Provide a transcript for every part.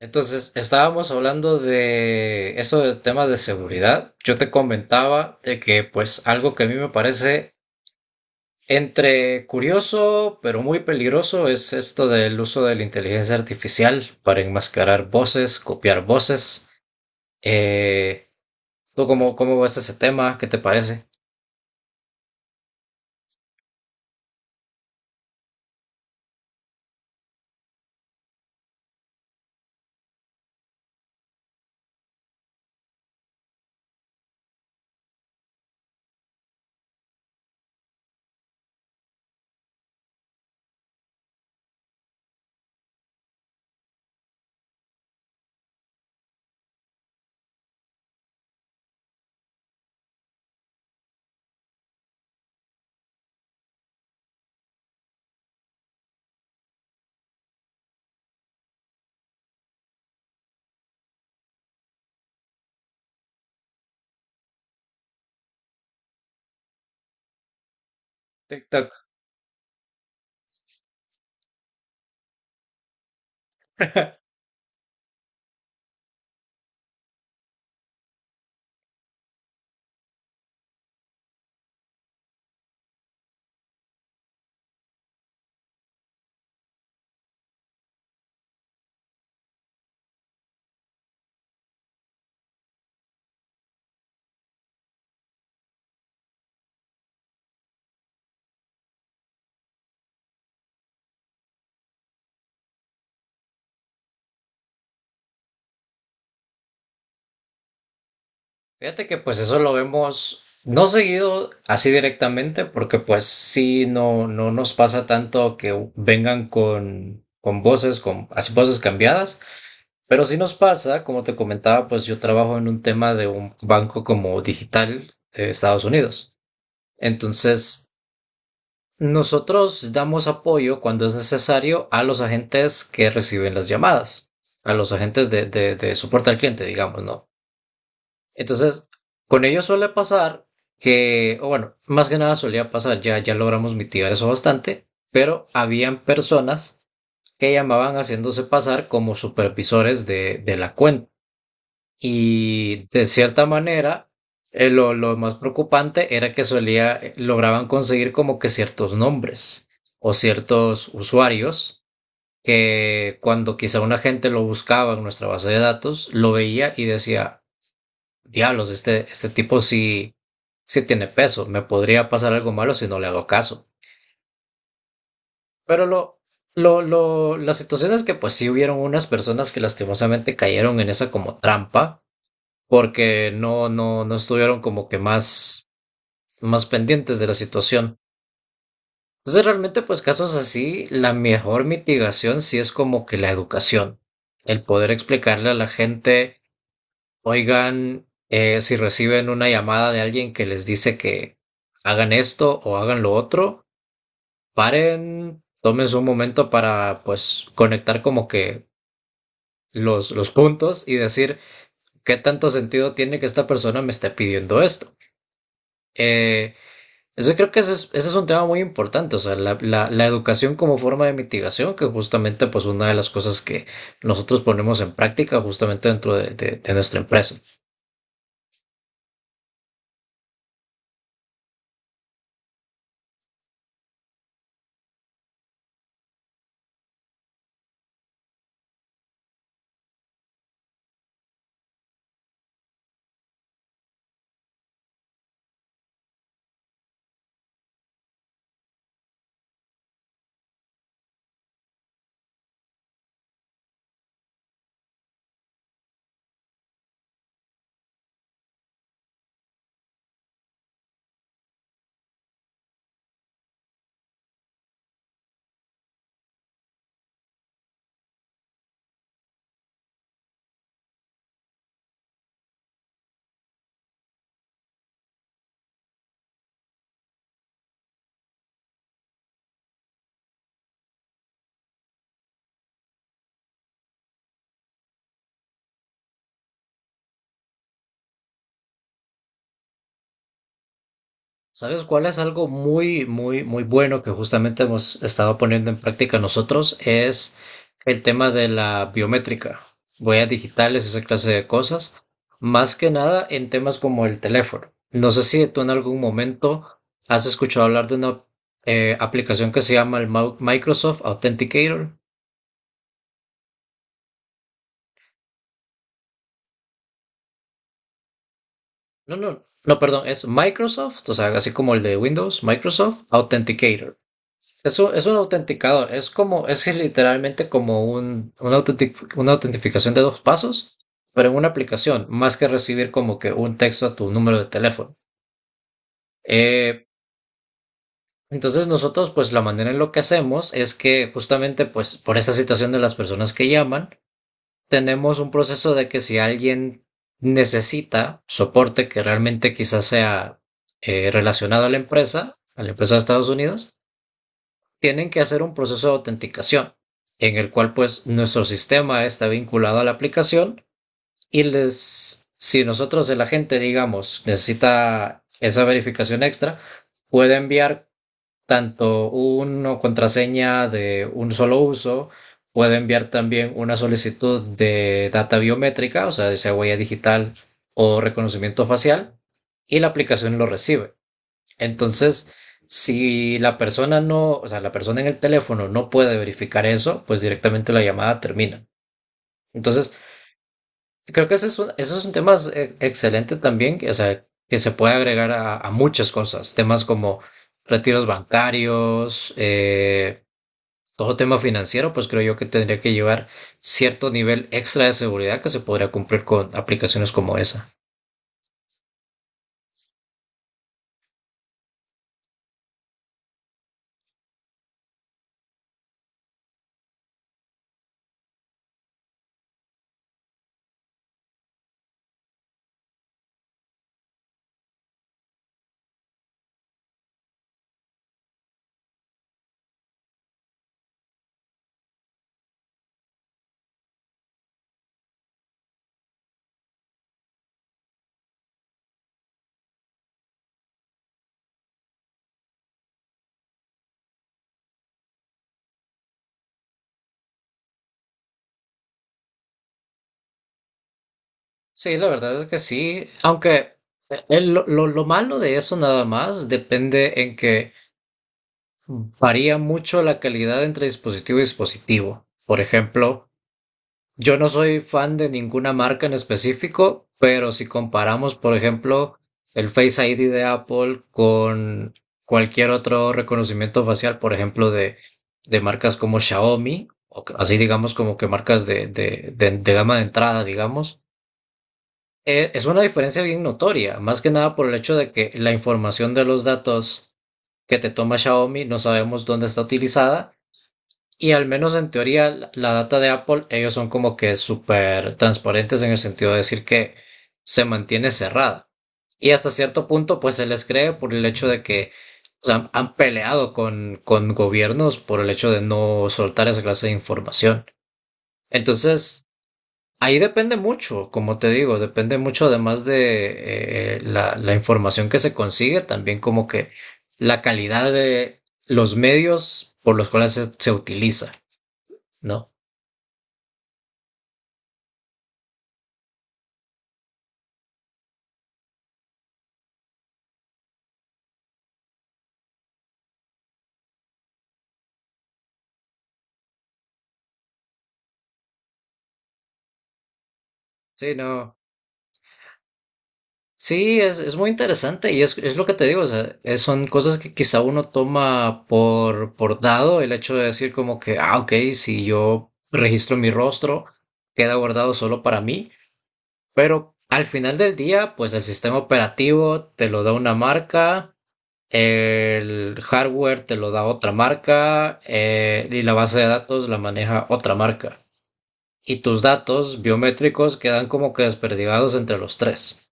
Entonces, estábamos hablando de eso del tema de seguridad. Yo te comentaba de que, pues, algo que a mí me parece entre curioso, pero muy peligroso, es esto del uso de la inteligencia artificial para enmascarar voces, copiar voces. Eh, ¿Tú cómo ves ese tema? ¿Qué te parece? TikTok. Fíjate que pues eso lo vemos no seguido así directamente, porque pues sí, no, no nos pasa tanto que vengan con voces, con así voces cambiadas, pero sí nos pasa, como te comentaba, pues yo trabajo en un tema de un banco como digital de Estados Unidos. Entonces, nosotros damos apoyo cuando es necesario a los agentes que reciben las llamadas, a los agentes de soporte al cliente, digamos, ¿no? Entonces, con ellos suele pasar que, o bueno, más que nada solía pasar, ya logramos mitigar eso bastante, pero habían personas que llamaban haciéndose pasar como supervisores de la cuenta. Y de cierta manera, lo más preocupante era que solía, lograban conseguir como que ciertos nombres o ciertos usuarios que cuando quizá una gente lo buscaba en nuestra base de datos, lo veía y decía, diablos, este tipo sí, sí tiene peso. Me podría pasar algo malo si no le hago caso. Pero la situación es que pues sí hubieron unas personas que lastimosamente cayeron en esa como trampa porque no estuvieron como que más, más pendientes de la situación. Entonces realmente pues casos así, la mejor mitigación sí es como que la educación, el poder explicarle a la gente: oigan, si reciben una llamada de alguien que les dice que hagan esto o hagan lo otro, paren, tómense un momento para pues conectar como que los puntos y decir qué tanto sentido tiene que esta persona me esté pidiendo esto. Eh, eso creo que ese es un tema muy importante, o sea, la educación como forma de mitigación, que justamente pues una de las cosas que nosotros ponemos en práctica justamente dentro de nuestra empresa. ¿Sabes cuál es algo muy, muy, muy bueno que justamente hemos estado poniendo en práctica nosotros? Es el tema de la biométrica, huellas digitales, esa clase de cosas. Más que nada en temas como el teléfono. No sé si tú en algún momento has escuchado hablar de una aplicación que se llama el Microsoft Authenticator. No, no, no, perdón, es Microsoft, o sea, así como el de Windows, Microsoft Authenticator. Es es un autenticador, es como, es literalmente como una autentificación de dos pasos, pero en una aplicación, más que recibir como que un texto a tu número de teléfono. Eh, entonces nosotros, pues la manera en lo que hacemos es que justamente, pues por esta situación de las personas que llaman, tenemos un proceso de que si alguien necesita soporte que realmente quizás sea relacionado a la empresa de Estados Unidos, tienen que hacer un proceso de autenticación en el cual pues nuestro sistema está vinculado a la aplicación y les, si nosotros el agente digamos necesita esa verificación extra, puede enviar tanto una contraseña de un solo uso, puede enviar también una solicitud de data biométrica, o sea, sea huella digital o reconocimiento facial, y la aplicación lo recibe. Entonces, si la persona no, o sea, la persona en el teléfono no puede verificar eso, pues directamente la llamada termina. Entonces, creo que ese es un tema excelente también, que, o sea, que se puede agregar a muchas cosas, temas como retiros bancarios, todo tema financiero, pues creo yo que tendría que llevar cierto nivel extra de seguridad que se podría cumplir con aplicaciones como esa. Sí, la verdad es que sí, aunque lo malo de eso nada más depende en que varía mucho la calidad entre dispositivo y dispositivo. Por ejemplo, yo no soy fan de ninguna marca en específico, pero si comparamos, por ejemplo, el Face ID de Apple con cualquier otro reconocimiento facial, por ejemplo, de marcas como Xiaomi, o así digamos como que marcas de gama de entrada, digamos. Es una diferencia bien notoria, más que nada por el hecho de que la información de los datos que te toma Xiaomi no sabemos dónde está utilizada y al menos en teoría la data de Apple ellos son como que súper transparentes en el sentido de decir que se mantiene cerrada. Y hasta cierto punto pues se les cree por el hecho de que o sea, han peleado con gobiernos por el hecho de no soltar esa clase de información. Entonces… ahí depende mucho, como te digo, depende mucho además de la información que se consigue, también como que la calidad de los medios por los cuales se utiliza, ¿no? Sí, no. Sí, es muy interesante y es lo que te digo, o sea, son cosas que quizá uno toma por dado, el hecho de decir como que, ah, ok, si yo registro mi rostro, queda guardado solo para mí. Pero al final del día, pues el sistema operativo te lo da una marca, el hardware te lo da otra marca, y la base de datos la maneja otra marca. Y tus datos biométricos quedan como que desperdigados entre los tres.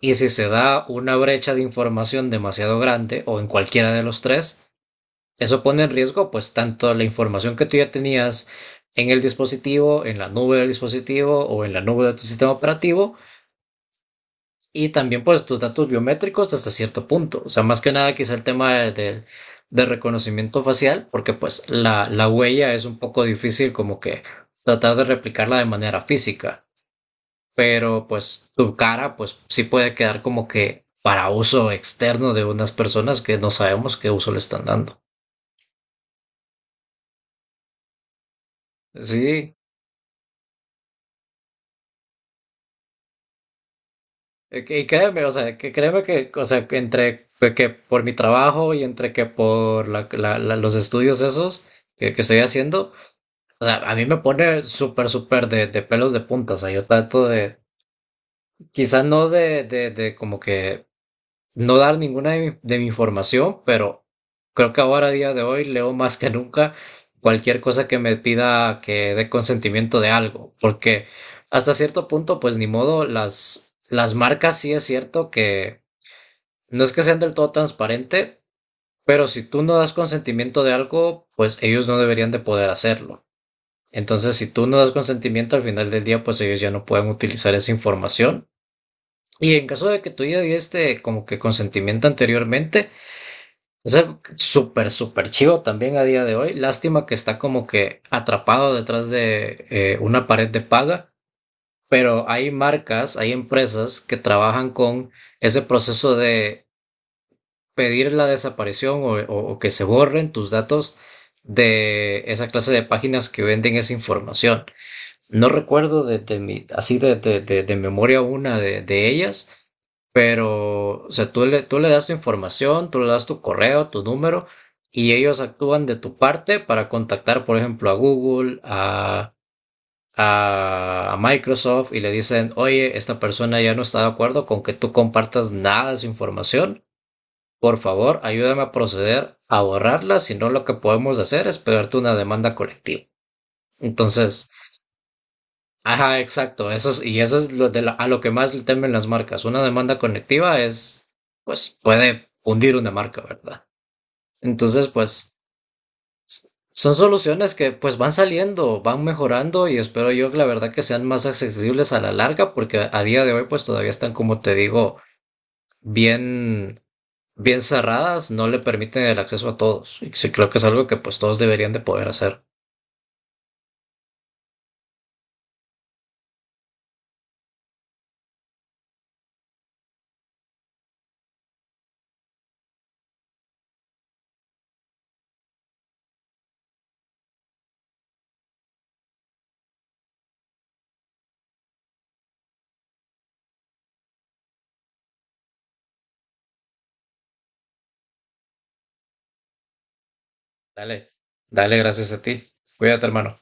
Y si se da una brecha de información demasiado grande o en cualquiera de los tres, eso pone en riesgo pues tanto la información que tú ya tenías en el dispositivo, en la nube del dispositivo o en la nube de tu sistema operativo, y también pues tus datos biométricos hasta cierto punto. O sea, más que nada quizá el tema de reconocimiento facial, porque pues la huella es un poco difícil como que tratar de replicarla de manera física, pero pues tu cara pues sí puede quedar como que para uso externo de unas personas que no sabemos qué uso le están dando. Sí, y créeme, o sea, que créeme que, o sea, que entre que por mi trabajo y entre que por los estudios esos que estoy haciendo. O sea, a mí me pone súper, súper de pelos de punta. O sea, yo trato de, quizás no de como que no dar ninguna de mi información, pero creo que ahora, a día de hoy, leo más que nunca cualquier cosa que me pida que dé consentimiento de algo. Porque hasta cierto punto, pues ni modo, las marcas sí es cierto que no es que sean del todo transparente, pero si tú no das consentimiento de algo, pues ellos no deberían de poder hacerlo. Entonces, si tú no das consentimiento, al final del día, pues ellos ya no pueden utilizar esa información. Y en caso de que tú ya diste como que consentimiento anteriormente, es algo súper, súper chivo también a día de hoy. Lástima que está como que atrapado detrás de una pared de paga, pero hay marcas, hay empresas que trabajan con ese proceso de pedir la desaparición o que se borren tus datos de esa clase de páginas que venden esa información. No recuerdo de memoria una de ellas, pero o sea, tú le das tu información, tú le das tu correo, tu número, y ellos actúan de tu parte para contactar, por ejemplo, a Google, a Microsoft, y le dicen, oye, esta persona ya no está de acuerdo con que tú compartas nada de su información. Por favor, ayúdame a proceder a borrarla, si no lo que podemos hacer es pegarte una demanda colectiva. Entonces, ajá, exacto. Y eso es lo a lo que más le temen las marcas. Una demanda conectiva es, pues, puede hundir una marca, ¿verdad? Entonces, pues, son soluciones que, pues, van saliendo, van mejorando y espero yo, que la verdad, que sean más accesibles a la larga, porque a día de hoy, pues, todavía están, como te digo, bien, bien cerradas, no le permiten el acceso a todos. Y sí creo que es algo que, pues, todos deberían de poder hacer. Dale, dale, gracias a ti. Cuídate, hermano.